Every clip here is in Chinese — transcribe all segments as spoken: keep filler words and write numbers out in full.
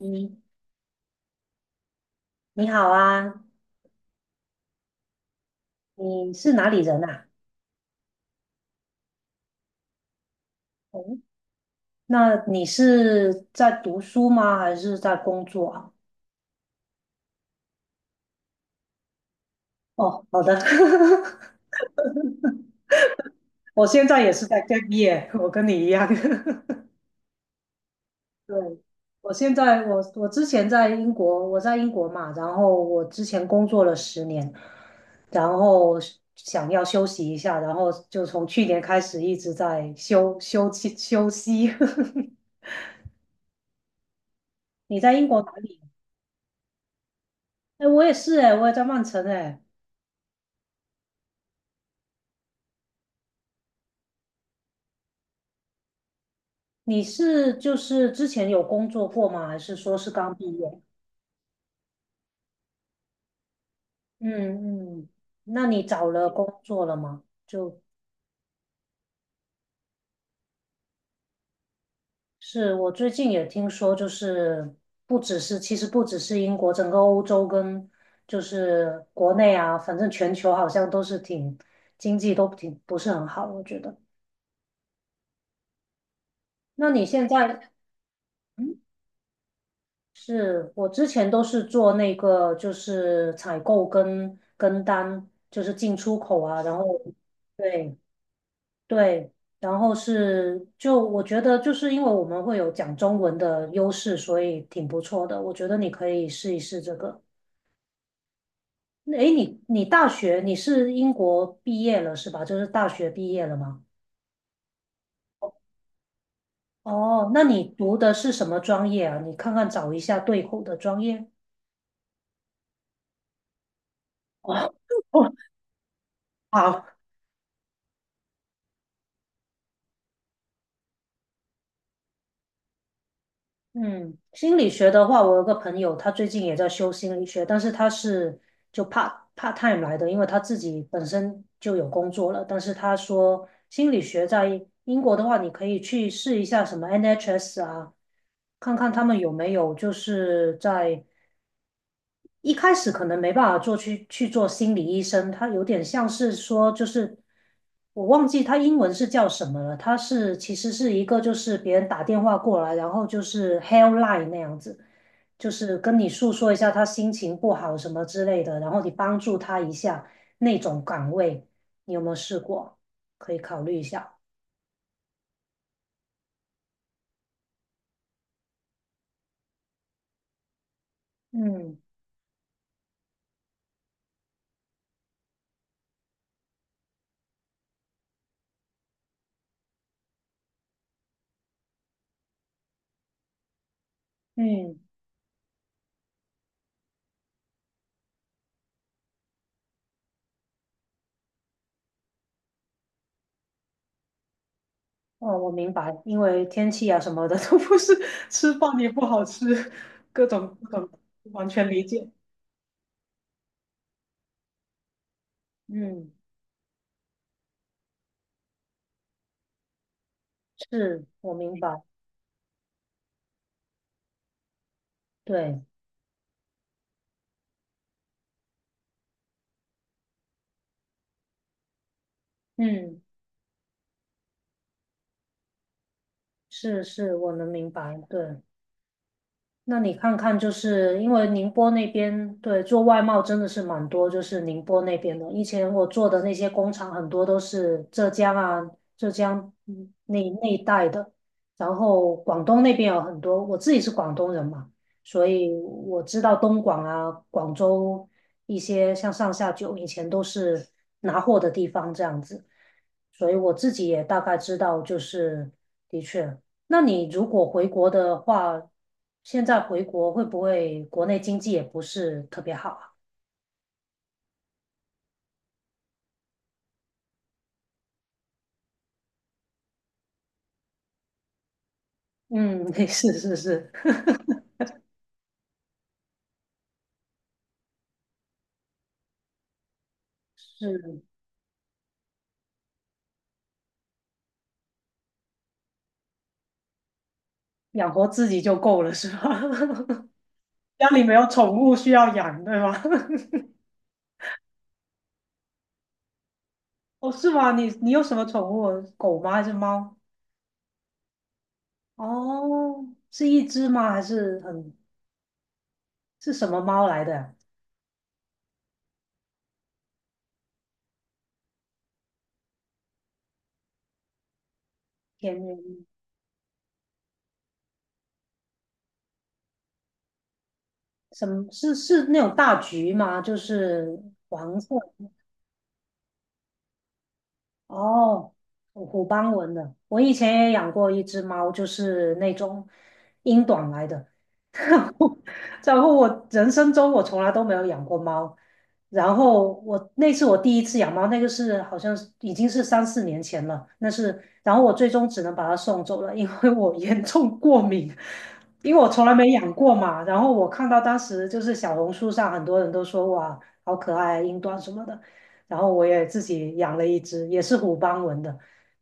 你你好啊，你是哪里人啊？哦，那你是在读书吗？还是在工作啊？哦，好的，我现在也是在 gap year，我跟你一样。对，我现在我我之前在英国，我在英国嘛，然后我之前工作了十年，然后想要休息一下，然后就从去年开始一直在休休息休息。你在英国哪里？哎，我也是哎，我也在曼城哎。你是就是之前有工作过吗？还是说是刚毕业？嗯嗯，那你找了工作了吗？就是我最近也听说，就是不只是，其实不只是英国，整个欧洲跟就是国内啊，反正全球好像都是挺经济都挺不是很好，我觉得。那你现在，嗯，是我之前都是做那个就是采购跟跟单，就是进出口啊，然后对。对，然后是就我觉得就是因为我们会有讲中文的优势，所以挺不错的。我觉得你可以试一试这个。那诶，你你大学你是英国毕业了是吧？就是大学毕业了吗？哦，那你读的是什么专业啊？你看看找一下对口的专业。哦，哦，好，嗯，心理学的话，我有个朋友，他最近也在修心理学，但是他是就 part part time 来的，因为他自己本身就有工作了。但是他说，心理学在英国的话，你可以去试一下什么 N H S 啊，看看他们有没有就是在一开始可能没办法做去去做心理医生，他有点像是说，就是我忘记他英文是叫什么了，他是其实是一个就是别人打电话过来，然后就是 helpline 那样子，就是跟你诉说一下他心情不好什么之类的，然后你帮助他一下那种岗位，你有没有试过？可以考虑一下。嗯嗯。哦，我明白，因为天气啊什么的都不是吃饭也不好吃，各种各种，完全理解。嗯，是我明白，对，嗯，是是，我能明白，对。那你看看，就是因为宁波那边，对，做外贸真的是蛮多，就是宁波那边的。以前我做的那些工厂，很多都是浙江啊、浙江嗯那那一带的，然后广东那边有很多。我自己是广东人嘛，所以我知道东莞啊、广州一些像上下九以前都是拿货的地方这样子，所以我自己也大概知道，就是的确。那你如果回国的话，现在回国会不会国内经济也不是特别好啊？嗯，是是是 是，养活自己就够了，是吧？家里没有宠物需要养，对吗？哦，是吗？你你有什么宠物？狗吗？还是猫？哦，是一只吗？还是很是什么猫来的？天，什么是是那种大橘吗？就是黄色。哦，虎斑纹的，我以前也养过一只猫，就是那种英短来的。然后，然后我人生中我从来都没有养过猫。然后我那是我第一次养猫，那个是好像是已经是三四年前了。那是，然后我最终只能把它送走了，因为我 严重过敏，因为我从来没养过嘛。然后我看到当时就是小红书上很多人都说哇，好可爱啊英短什么的。然后我也自己养了一只，也是虎斑纹的，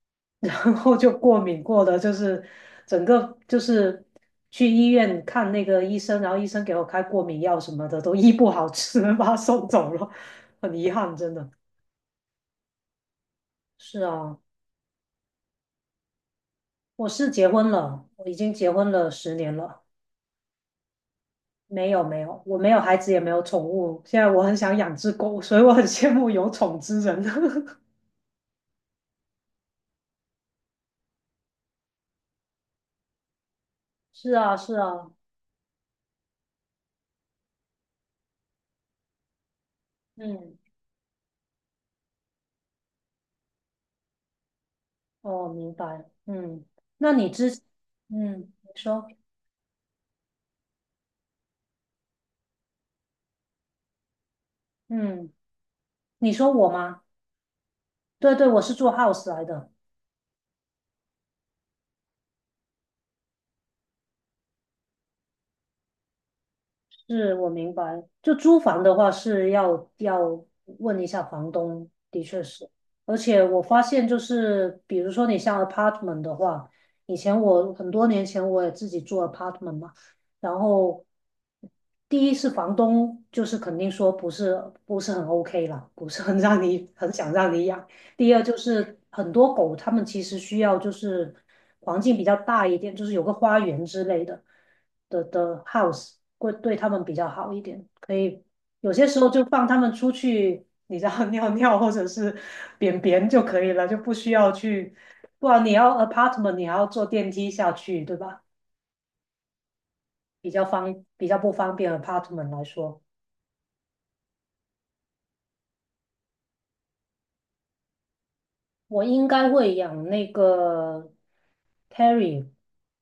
然后就过敏过的，就是整个就是去医院看那个医生，然后医生给我开过敏药什么的，都医不好，只能把它送走了，很遗憾，真的。是啊，我是结婚了，我已经结婚了十年了。没有没有，我没有孩子，也没有宠物。现在我很想养只狗，所以我很羡慕有宠之人。是啊，是啊，嗯。哦，明白。嗯，那你之，嗯，你说，嗯，你说我吗？对对，我是做 house 来的，是我明白。就租房的话是要要问一下房东，的确是。而且我发现就是，比如说你像 apartment 的话，以前我很多年前我也自己住 apartment 嘛，然后第一是房东就是肯定说不是不是很 OK 啦，不是很让你很想让你养。第二就是很多狗，它们其实需要就是环境比较大一点，就是有个花园之类的的的 house 会对它们比较好一点。可以有些时候就放它们出去，你知道 尿尿或者是便便就可以了，就不需要去，不然你要 apartment 你还要坐电梯下去，对吧？比较方比较不方便 apartment 来说。我应该会养那个 Terry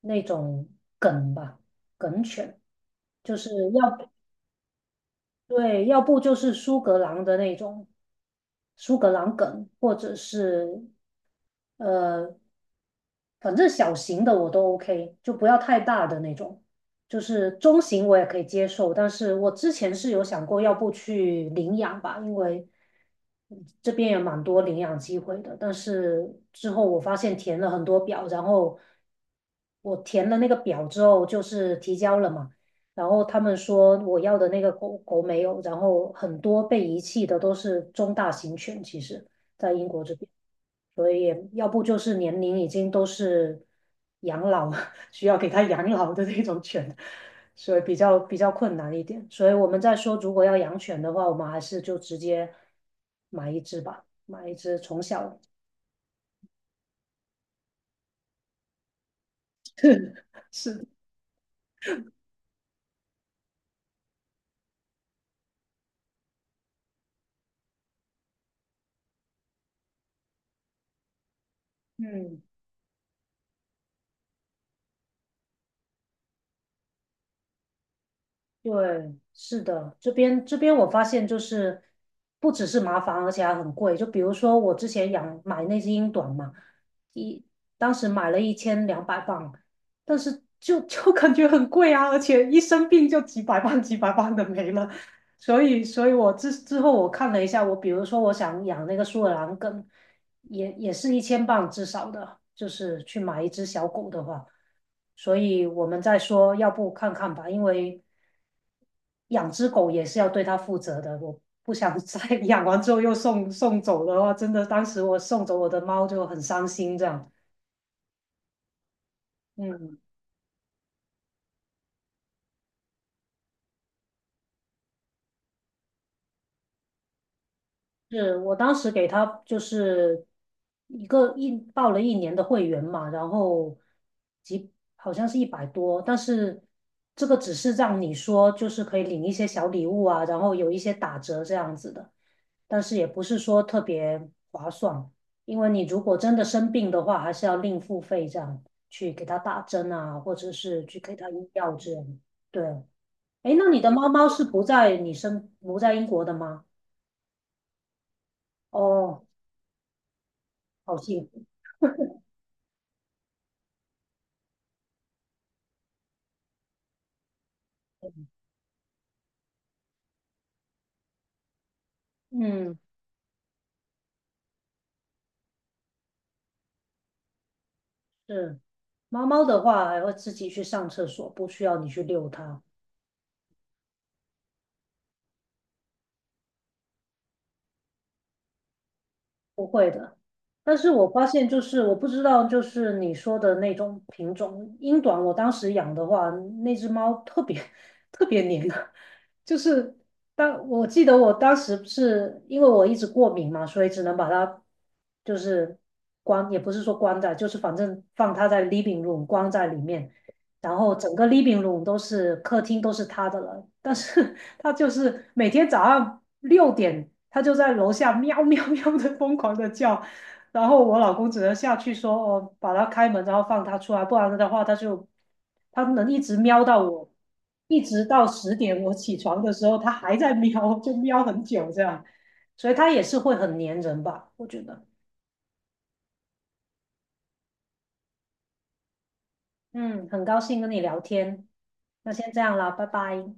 那种梗吧，梗犬，就是要不对，要不就是苏格兰的那种苏格兰梗，或者是呃，反正小型的我都 OK，就不要太大的那种，就是中型我也可以接受。但是我之前是有想过，要不去领养吧，因为这边也蛮多领养机会的。但是之后我发现填了很多表，然后我填了那个表之后，就是提交了嘛。然后他们说我要的那个狗狗没有，然后很多被遗弃的都是中大型犬，其实。在英国这边。所以要不就是年龄已经都是养老，需要给他养老的那种犬，所以比较比较困难一点。所以我们在说，如果要养犬的话，我们还是就直接买一只吧，买一只从小 是，嗯。对，是的，这边这边我发现就是不只是麻烦，而且还很贵。就比如说我之前养买那只英短嘛，一当时买了一千两百磅，但是就就感觉很贵啊，而且一生病就几百磅几百磅的没了。所以，所以我之之后我看了一下，我比如说我想养那个苏格兰跟也也是一千磅至少的，就是去买一只小狗的话，所以我们在说，要不看看吧，因为养只狗也是要对它负责的，我不想再 养完之后又送送走的话，真的，当时我送走我的猫就很伤心，这样，嗯。是我当时给他就是一个一报了一年的会员嘛，然后几好像是一百多，但是这个只是让你说就是可以领一些小礼物啊，然后有一些打折这样子的，但是也不是说特别划算，因为你如果真的生病的话，还是要另付费这样去给他打针啊，或者是去给他用药这样。对，诶，那你的猫猫是不在你生不在英国的吗？哦，好幸福。嗯，是。猫猫的话还会自己去上厕所，不需要你去遛它。不会的，但是我发现就是我不知道，就是你说的那种品种英短，我当时养的话，那只猫特别 特别黏啊，就是当我记得我当时不是因为我一直过敏嘛，所以只能把它就是关，也不是说关在，就是反正放它在 living room 关在里面，然后整个 living room 都是客厅都是它的了，但是 他就是每天早上六点，他就在楼下喵喵喵的疯狂的叫，然后我老公只能下去说哦，把它开门，然后放它出来，不然的话他就他能一直喵到我，一直到十点我起床的时候，他还在喵，就喵很久这样，所以它也是会很粘人吧，我觉得。嗯，很高兴跟你聊天，那先这样啦，拜拜。